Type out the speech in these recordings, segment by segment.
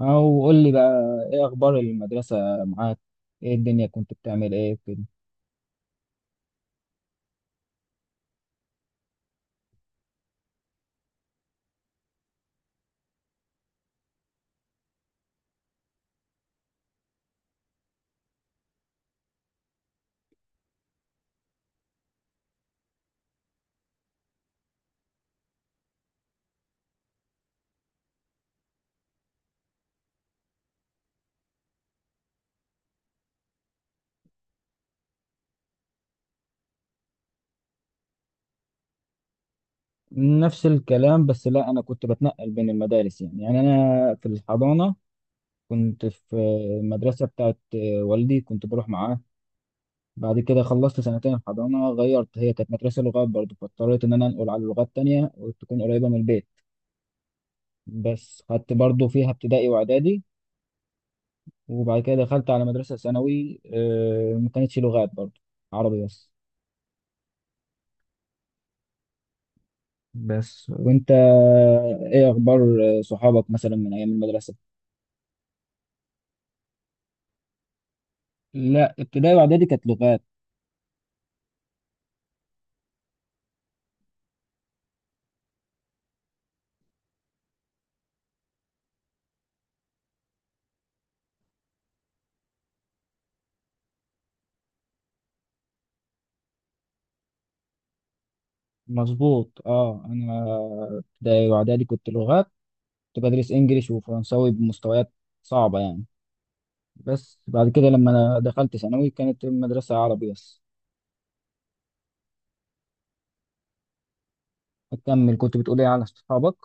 او قول لي بقى، ايه اخبار المدرسه؟ معاك؟ ايه الدنيا، كنت بتعمل ايه كده؟ نفس الكلام، بس لا، انا كنت بتنقل بين المدارس يعني انا في الحضانه كنت في المدرسه بتاعت والدي، كنت بروح معاه. بعد كده خلصت سنتين الحضانه، غيرت، هي كانت مدرسه لغات برضه، فاضطريت ان انا انقل على لغات تانية وتكون قريبه من البيت. بس خدت برضه فيها ابتدائي واعدادي، وبعد كده دخلت على مدرسه ثانوي، ما كانتش لغات برضه، عربي بس. بس وانت، ايه اخبار صحابك مثلا من ايام المدرسه؟ لا، ابتدائي واعدادي كانت لغات. مظبوط، اه، انا ابتدائي واعدادي كنت لغات، كنت بدرس انجليش وفرنساوي بمستويات صعبه يعني. بس بعد كده لما انا دخلت ثانوي كانت المدرسه عربي بس. اكمل، كنت بتقول ايه على صحابك؟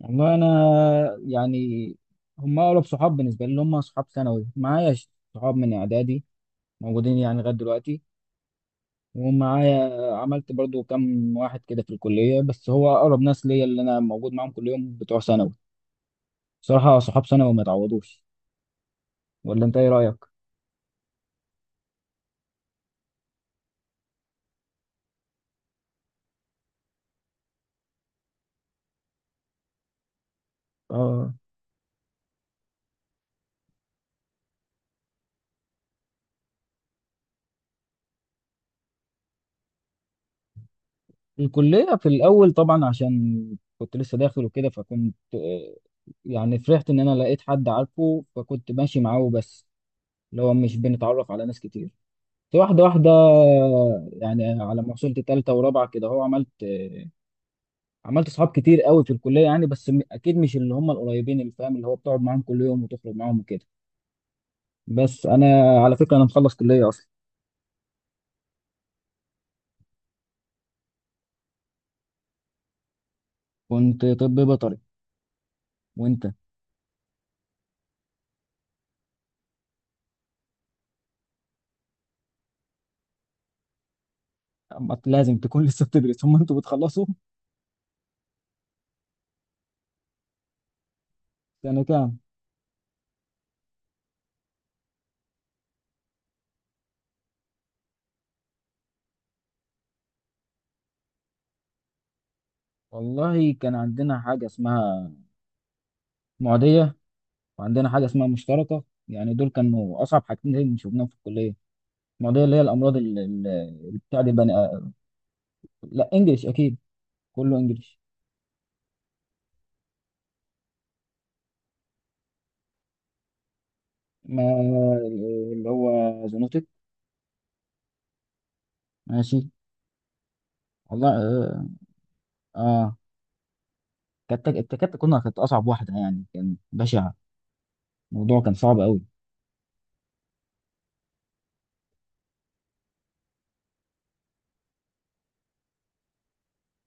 والله انا يعني، هم اقرب صحاب بالنسبه لي اللي هم صحاب ثانوي معايا، صحاب من اعدادي موجودين يعني لغايه دلوقتي ومعايا. عملت برضو كام واحد كده في الكلية، بس هو أقرب ناس ليا اللي أنا موجود معاهم كل يوم بتوع ثانوي. صراحة، صحاب ثانوي ما يتعوضوش. ولا أنت إيه رأيك؟ آه. الكلية في الأول طبعا، عشان كنت لسه داخل وكده، فكنت يعني فرحت إن أنا لقيت حد عارفه، فكنت ماشي معاه بس، اللي هو مش بنتعرف على ناس كتير، بس واحدة واحدة يعني. على ما وصلت تالتة ورابعة كده، هو عملت صحاب كتير قوي في الكليه يعني. بس اكيد مش اللي هم القريبين، اللي فاهم اللي هو بتقعد معاهم كل يوم وتخرج معاهم وكده. بس انا على فكره انا مخلص كليه اصلا. كنت طب بيطري، وانت؟ أما لازم تكون لسه بتدرس هم انتوا بتخلصوا سنه كام؟ والله كان عندنا حاجه اسمها معديه، وعندنا حاجه اسمها مشتركه، يعني دول كانوا اصعب حاجتين شفناهم في الكليه. المعديه اللي هي الامراض، اللي بتاع دي بني. لا، انجلش اكيد، كله انجلش. ما اللي هو زونوتك، ماشي. والله، اه، كانت كانت اصعب واحده يعني، كان بشع الموضوع، كان صعب قوي.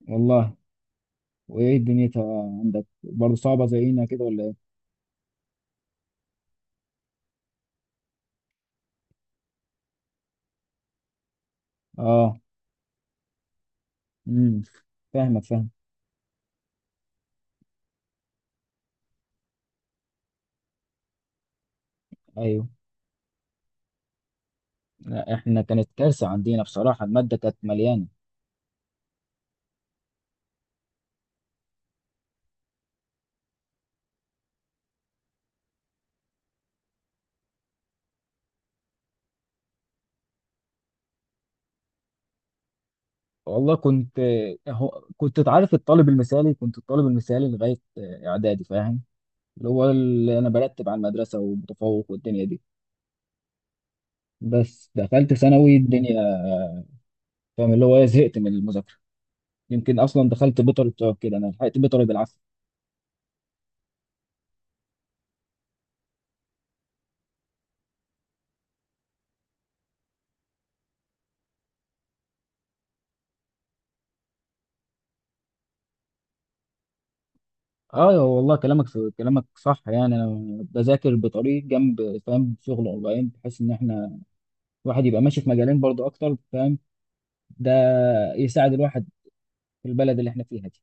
والله، وايه الدنيا عندك برضه صعبه زينا كده ولا ايه؟ اه. امم فاهمك فاهم. ايوه. لا، احنا كانت كارثه عندنا بصراحه، الماده كانت مليانه. والله كنت تعرف الطالب المثالي، كنت الطالب المثالي لغايه اعدادي فاهم، اللي هو اللي انا برتب على المدرسه ومتفوق والدنيا دي. بس دخلت ثانوي، الدنيا، فاهم، اللي هو إيه، زهقت من المذاكره. يمكن اصلا دخلت بيطري بسبب كده، انا لحقت بيطري بالعافيه. اه والله، كلامك صح يعني. انا بذاكر بطريق جنب، فاهم، شغل اونلاين، بحيث ان احنا الواحد يبقى ماشي في مجالين برضو اكتر، فاهم؟ ده يساعد الواحد في البلد اللي احنا فيها دي،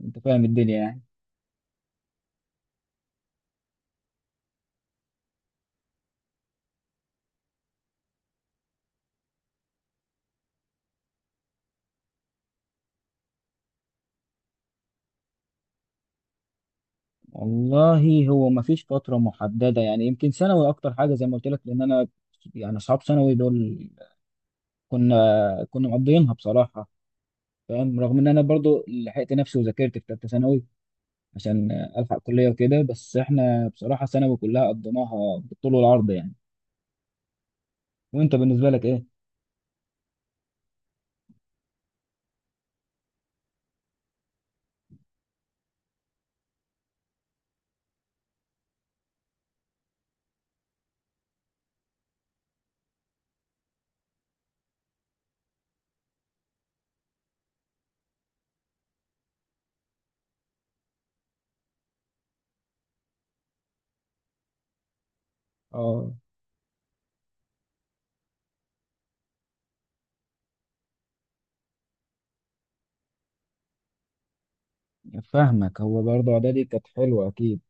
انت فاهم الدنيا يعني. والله، هو ما فيش فتره محدده يعني، يمكن ثانوي اكتر حاجه زي ما قلت لك. لان انا يعني اصحاب ثانوي دول، كنا مقضيينها بصراحه، فاهم، رغم ان انا برضو لحقت نفسي وذاكرت في ثالثه ثانوي عشان الحق كليه وكده. بس احنا بصراحه ثانوي كلها قضيناها بالطول والعرض يعني. وانت بالنسبه لك ايه؟ اه، فاهمك. هو برضه اعدادي كانت حلوه اكيد،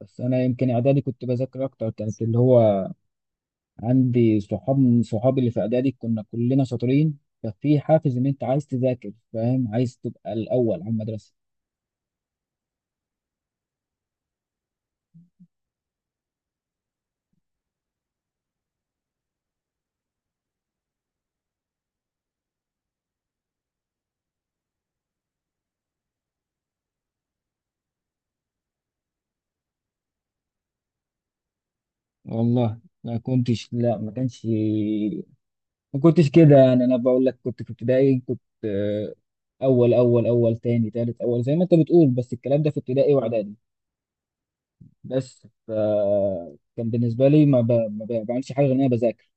بس انا يمكن اعدادي كنت بذاكر اكتر، كانت اللي هو عندي صحاب من صحابي اللي في اعدادي كنا كلنا شاطرين، ففي حافز ان انت عايز تذاكر، فاهم، عايز تبقى الاول على المدرسه. والله ما كنتش، لا، ما كانش ما كنتش كده يعني. انا بقول لك كنت في ابتدائي، كنت اول، اول اول، تاني، تالت، اول، زي ما انت بتقول. بس الكلام ده في ابتدائي واعدادي. بس ف، كان بالنسبه لي ما, بعملش حاجه غير ان انا بذاكر.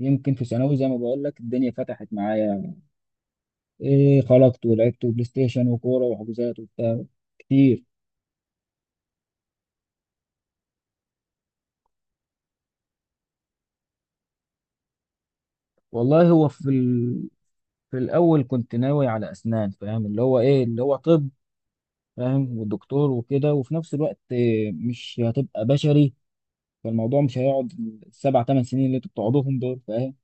يمكن في ثانوي زي ما بقول لك الدنيا فتحت معايا، إيه، خرجت ولعبت بلاي ستيشن وكوره وحجوزات وبتاع كتير. والله هو في الاول كنت ناوي على اسنان، فاهم اللي هو ايه، اللي هو طب، فاهم، والدكتور وكده. وفي نفس الوقت مش هتبقى بشري، فالموضوع مش هيقعد السبع ثمان سنين اللي انتوا بتقعدوهم دول فاهم.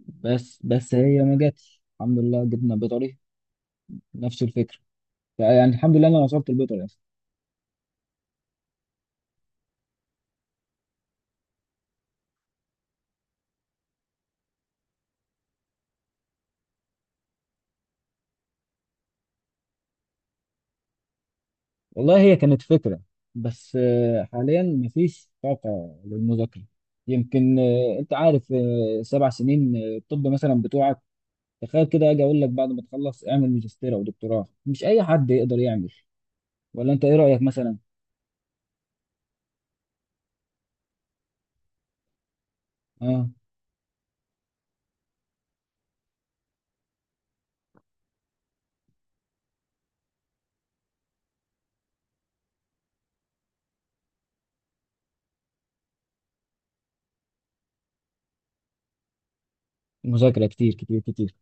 بس هي ما جاتش، الحمد لله جبنا بيطري، نفس الفكره، فيعني الحمد لله انا وصلت البيطري اصلا. والله هي كانت فكره، بس حاليا مفيش طاقه للمذاكره. يمكن انت عارف، 7 سنين، الطب مثلا بتوعك، تخيل كده اجي اقول لك بعد ما تخلص اعمل ماجستير او دكتوراه، مش اي حد يقدر يعمل. ولا انت ايه رايك مثلا؟ اه. مذاكره كتير كتير كتير.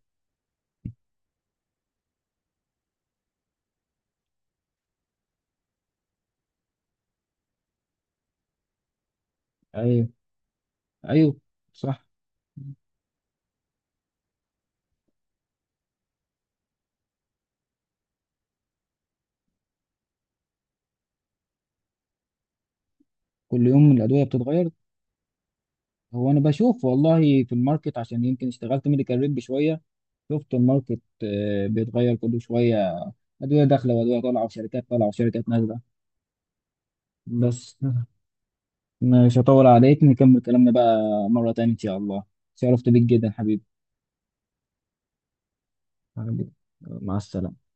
ايوه ايوه. صح، كل يوم الأدوية بتتغير. هو انا بشوف والله في الماركت، عشان يمكن اشتغلت ميديكال ريب شويه، شفت الماركت بيتغير كل شويه، ادويه داخله وادويه طالعه وشركات طالعه وشركات نازله. بس مش هطول عليك، نكمل كلامنا بقى مره تانية ان شاء الله. شرفت بيك جدا حبيبي. حبيبي، مع السلامة.